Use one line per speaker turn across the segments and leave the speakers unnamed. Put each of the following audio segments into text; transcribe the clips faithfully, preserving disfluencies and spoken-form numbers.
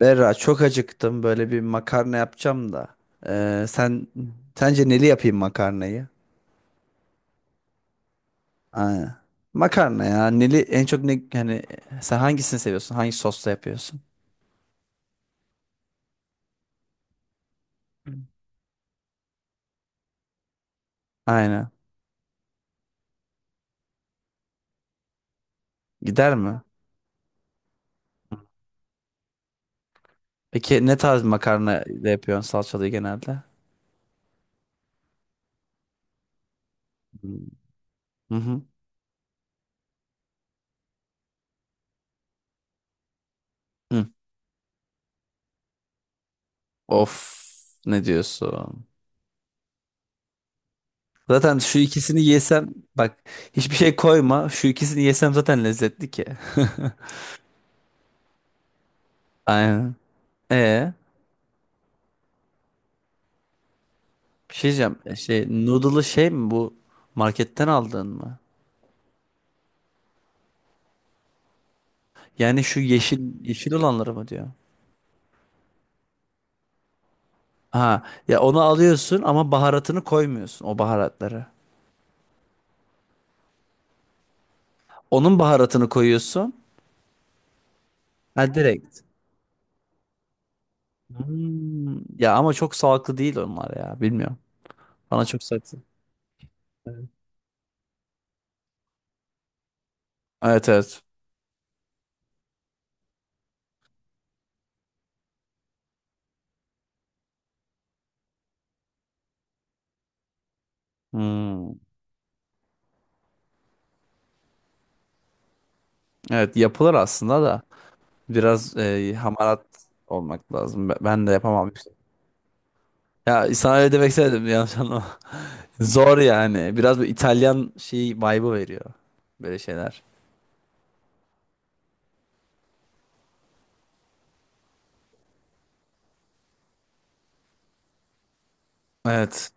Berra çok acıktım. Böyle bir makarna yapacağım da. Ee, sen sence neli yapayım makarnayı? Aa, makarna ya. Neli en çok ne hani sen hangisini seviyorsun? Hangi sosla yapıyorsun? Aynen. Gider mi? Peki ne tarz makarna ile yapıyorsun salçalı genelde? Hmm. Hı hı. Hı. Of, ne diyorsun? Zaten şu ikisini yesem bak, hiçbir şey koyma. Şu ikisini yesem zaten lezzetli ki. Aynen. E Bir şey diyeceğim. E, Şey, noodle'ı şey mi bu? Marketten aldın mı? Yani şu yeşil yeşil olanları mı diyor? Ha ya, onu alıyorsun ama baharatını koymuyorsun o baharatları. Onun baharatını koyuyorsun. Ha, direkt. Hmm. Ya ama çok sağlıklı değil onlar ya. Bilmiyorum. Bana çok sağlıklı. Evet, evet, evet. Hmm. Evet, yapılır aslında da biraz e, hamarat olmak lazım. Be- Ben de yapamam işte. Ya sana öyle demek istemedim, yanlış anlama. Zor yani. Biraz bir İtalyan şey vibe'ı veriyor. Böyle şeyler. Evet.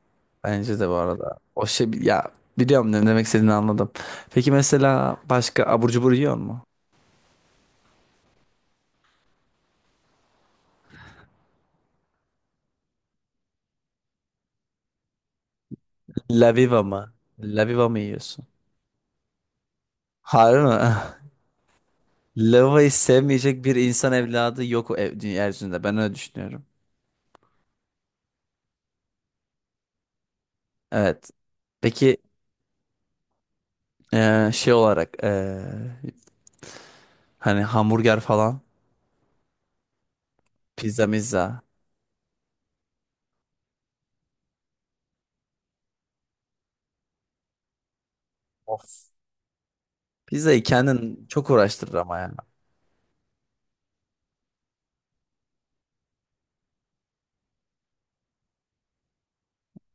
Bence de bu arada. O şey ya, biliyorum, ne demek istediğini anladım. Peki mesela başka abur cubur yiyor mu? Laviva mı? Laviva mı yiyorsun? Harbi mi? Laviva'yı sevmeyecek bir insan evladı yok o ev, dünya yeryüzünde. Ben öyle düşünüyorum. Evet. Peki eee, şey olarak eee, hani hamburger falan pizza mizza. Of. Pizzayı kendin çok uğraştırır ama ya.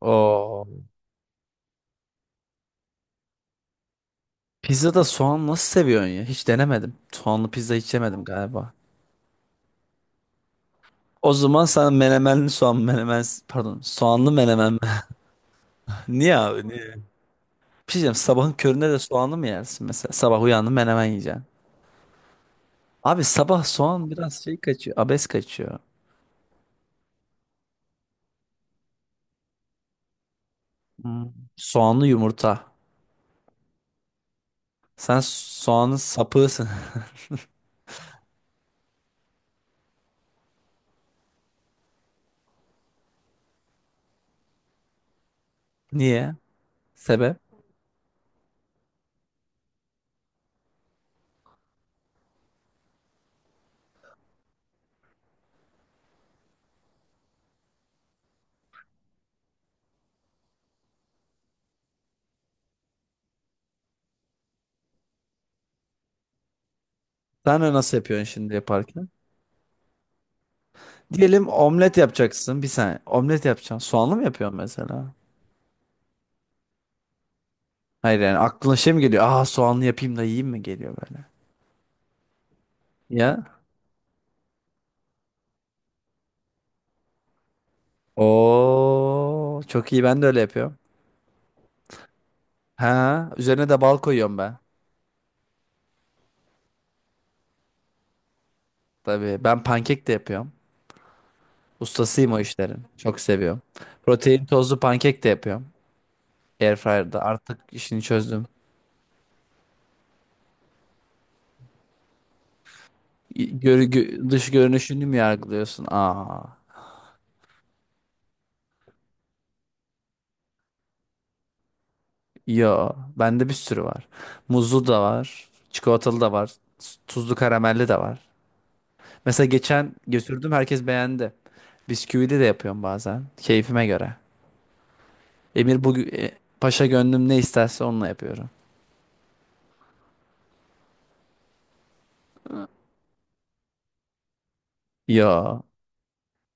Oo. Pizzada soğan nasıl seviyorsun ya? Hiç denemedim. Soğanlı pizza hiç yemedim galiba. O zaman sen menemenli soğan menemen pardon soğanlı menemen mi? niye abi niye? Bir şey diyeceğim, sabahın köründe de soğanlı mı yersin mesela? Sabah uyandın menemen yiyeceksin. Abi sabah soğan biraz şey kaçıyor, abes kaçıyor. Hmm. Soğanlı yumurta. Sen soğanın sapığısın. Niye? Sebep? Sen de nasıl yapıyorsun şimdi yaparken? Diyelim omlet yapacaksın bir saniye. Omlet yapacaksın. Soğanlı mı yapıyorsun mesela? Hayır yani, aklına şey mi geliyor? Aa, soğanlı yapayım da yiyeyim mi geliyor böyle. Ya. Oo, çok iyi, ben de öyle yapıyorum. Ha, üzerine de bal koyuyorum ben. Tabii ben pankek de yapıyorum. Ustasıyım o işlerin. Çok seviyorum. Protein tozlu pankek de yapıyorum. Airfryer'da artık işini çözdüm. İ- Gör, gö- dış görünüşünü mü yargılıyorsun? Aa. Yo, bende bir sürü var. Muzlu da var. Çikolatalı da var. s- Tuzlu karamelli de var. Mesela geçen götürdüm, herkes beğendi. Bisküvili de yapıyorum bazen. Keyfime göre. Emir bugün e, paşa gönlüm ne isterse onunla yapıyorum. Ya.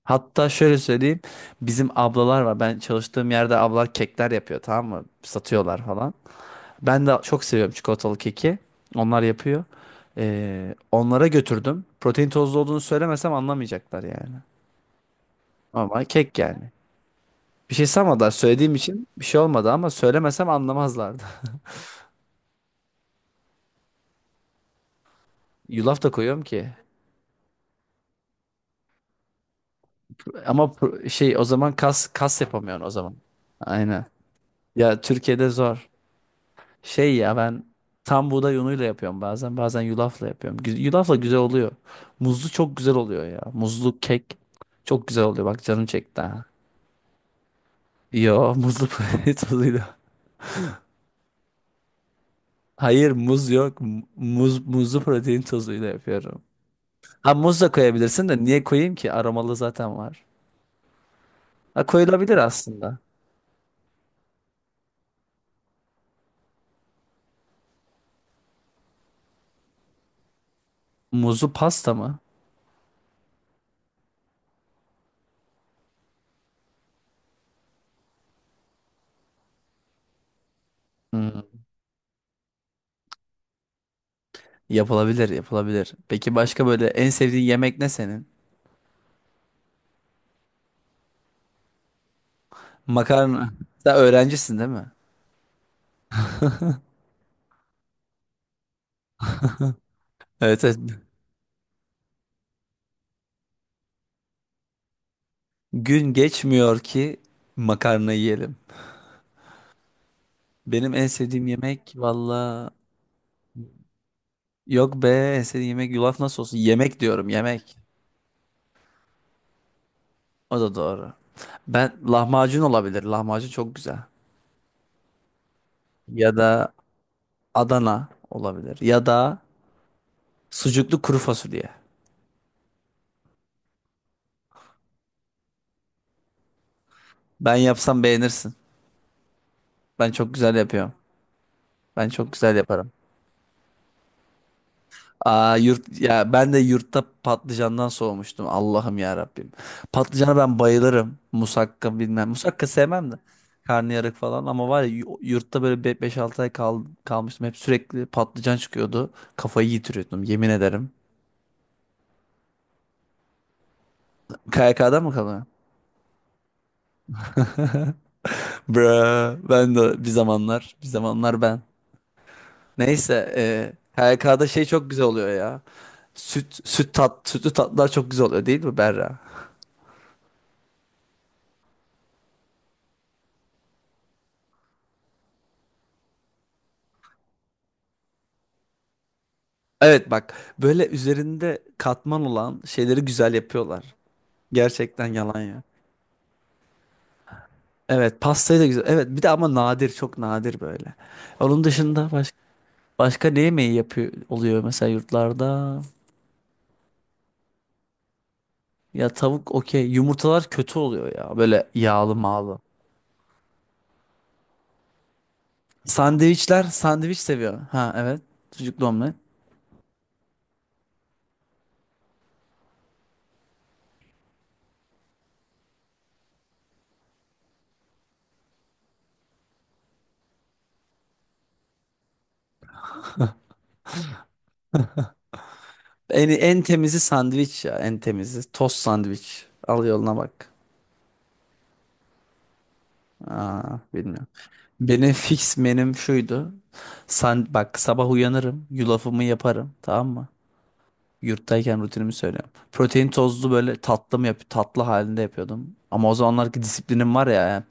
Hatta şöyle söyleyeyim. Bizim ablalar var. Ben çalıştığım yerde ablalar kekler yapıyor, tamam mı? Satıyorlar falan. Ben de çok seviyorum çikolatalı keki. Onlar yapıyor. Ee, onlara götürdüm. Protein tozlu olduğunu söylemesem anlamayacaklar yani. Ama kek yani. Bir şey sanmadılar, söylediğim için bir şey olmadı, ama söylemesem anlamazlardı. Yulaf da koyuyorum ki. Ama pro- şey o zaman kas kas yapamıyorsun o zaman. Aynen. Ya Türkiye'de zor. Şey ya, ben tam buğday unuyla yapıyorum bazen. Bazen yulafla yapıyorum. Gü- Yulafla güzel oluyor. Muzlu çok güzel oluyor ya. Muzlu kek çok güzel oluyor. Bak canım çekti ha. Yo, muzlu protein tozuyla. Hayır, muz yok. M- Muz muzlu protein tozuyla yapıyorum. Ha, muz da koyabilirsin de niye koyayım ki? Aromalı zaten var. Ha, koyulabilir aslında. Muzlu pasta mı? Hmm. Yapılabilir, yapılabilir. Peki başka böyle en sevdiğin yemek ne senin? Makarna. Sen öğrencisin değil mi? Evet, evet. Gün geçmiyor ki makarna yiyelim. Benim en sevdiğim yemek valla, yok be, en sevdiğim yemek yulaf nasıl olsun? Yemek diyorum, yemek. O da doğru. Ben, lahmacun olabilir. Lahmacun çok güzel. Ya da Adana olabilir. Ya da sucuklu kuru fasulye. Ben yapsam beğenirsin. Ben çok güzel yapıyorum. Ben çok güzel yaparım. Aa, yurt ya, ben de yurtta patlıcandan soğumuştum. Allah'ım ya Rabbim. Patlıcana ben bayılırım. Musakka bilmem. Musakka sevmem de. Karnıyarık falan ama var ya, yu- yurtta böyle beş altı ay kal kalmıştım. Hep sürekli patlıcan çıkıyordu. Kafayı yitiriyordum, yemin ederim. K Y K'da mı kalıyor? Bra ben de bir zamanlar bir zamanlar ben. Neyse e, K Y K'da şey çok güzel oluyor ya. Süt süt tat sütlü tatlılar çok güzel oluyor değil mi Berra? Evet, bak böyle üzerinde katman olan şeyleri güzel yapıyorlar. Gerçekten, yalan ya. Evet, pastayı da güzel. Evet, bir de ama nadir, çok nadir böyle. Onun dışında baş, başka ne yemeği yapıyor oluyor mesela yurtlarda? Ya tavuk okey. Yumurtalar kötü oluyor ya, böyle yağlı mağlı. Sandviçler, sandviç seviyor. Ha evet, sucuklu omlet. En, en temizi sandviç ya, en temizi. Tost, sandviç. Al yoluna bak. Aa, bilmiyorum. Benim fix menüm şuydu. Sen bak, sabah uyanırım, yulafımı yaparım, tamam mı? Yurttayken rutinimi söylüyorum. Protein tozlu böyle tatlı mı yap, tatlı halinde yapıyordum. Ama o zamanlarki disiplinim var ya, yani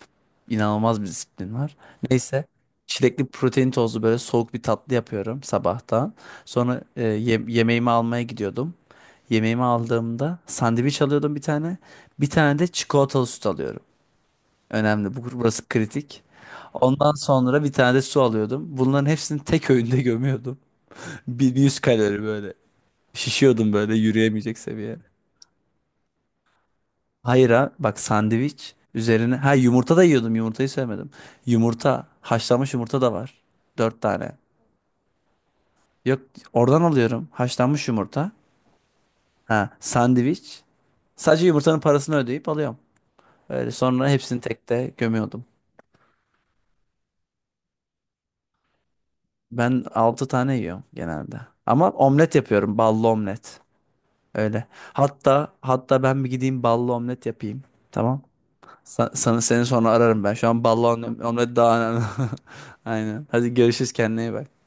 inanılmaz bir disiplin var. Neyse, çilekli protein tozlu böyle soğuk bir tatlı yapıyorum sabahtan. Sonra e, ye- yemeğimi almaya gidiyordum. Yemeğimi aldığımda sandviç alıyordum bir tane. Bir tane de çikolatalı süt alıyorum. Önemli. Bu, burası kritik. Ondan sonra bir tane de su alıyordum. Bunların hepsini tek öğünde gömüyordum. Bir, bir yüz kalori böyle. Şişiyordum böyle, yürüyemeyecek seviye. Hayır ha bak, sandviç üzerine. Ha, yumurta da yiyordum, yumurtayı sevmedim. Yumurta, haşlanmış yumurta da var. Dört tane. Yok, oradan alıyorum haşlanmış yumurta. Ha, sandviç. Sadece yumurtanın parasını ödeyip alıyorum. Öyle sonra hepsini tek de gömüyordum. Ben altı tane yiyorum genelde. Ama omlet yapıyorum. Ballı omlet. Öyle. Hatta hatta ben bir gideyim ballı omlet yapayım. Tamam. Sa- Sana seni sonra ararım ben. Şu an ballı omlet, omlet daha önemli. Aynen. Hadi görüşürüz, kendine iyi bak.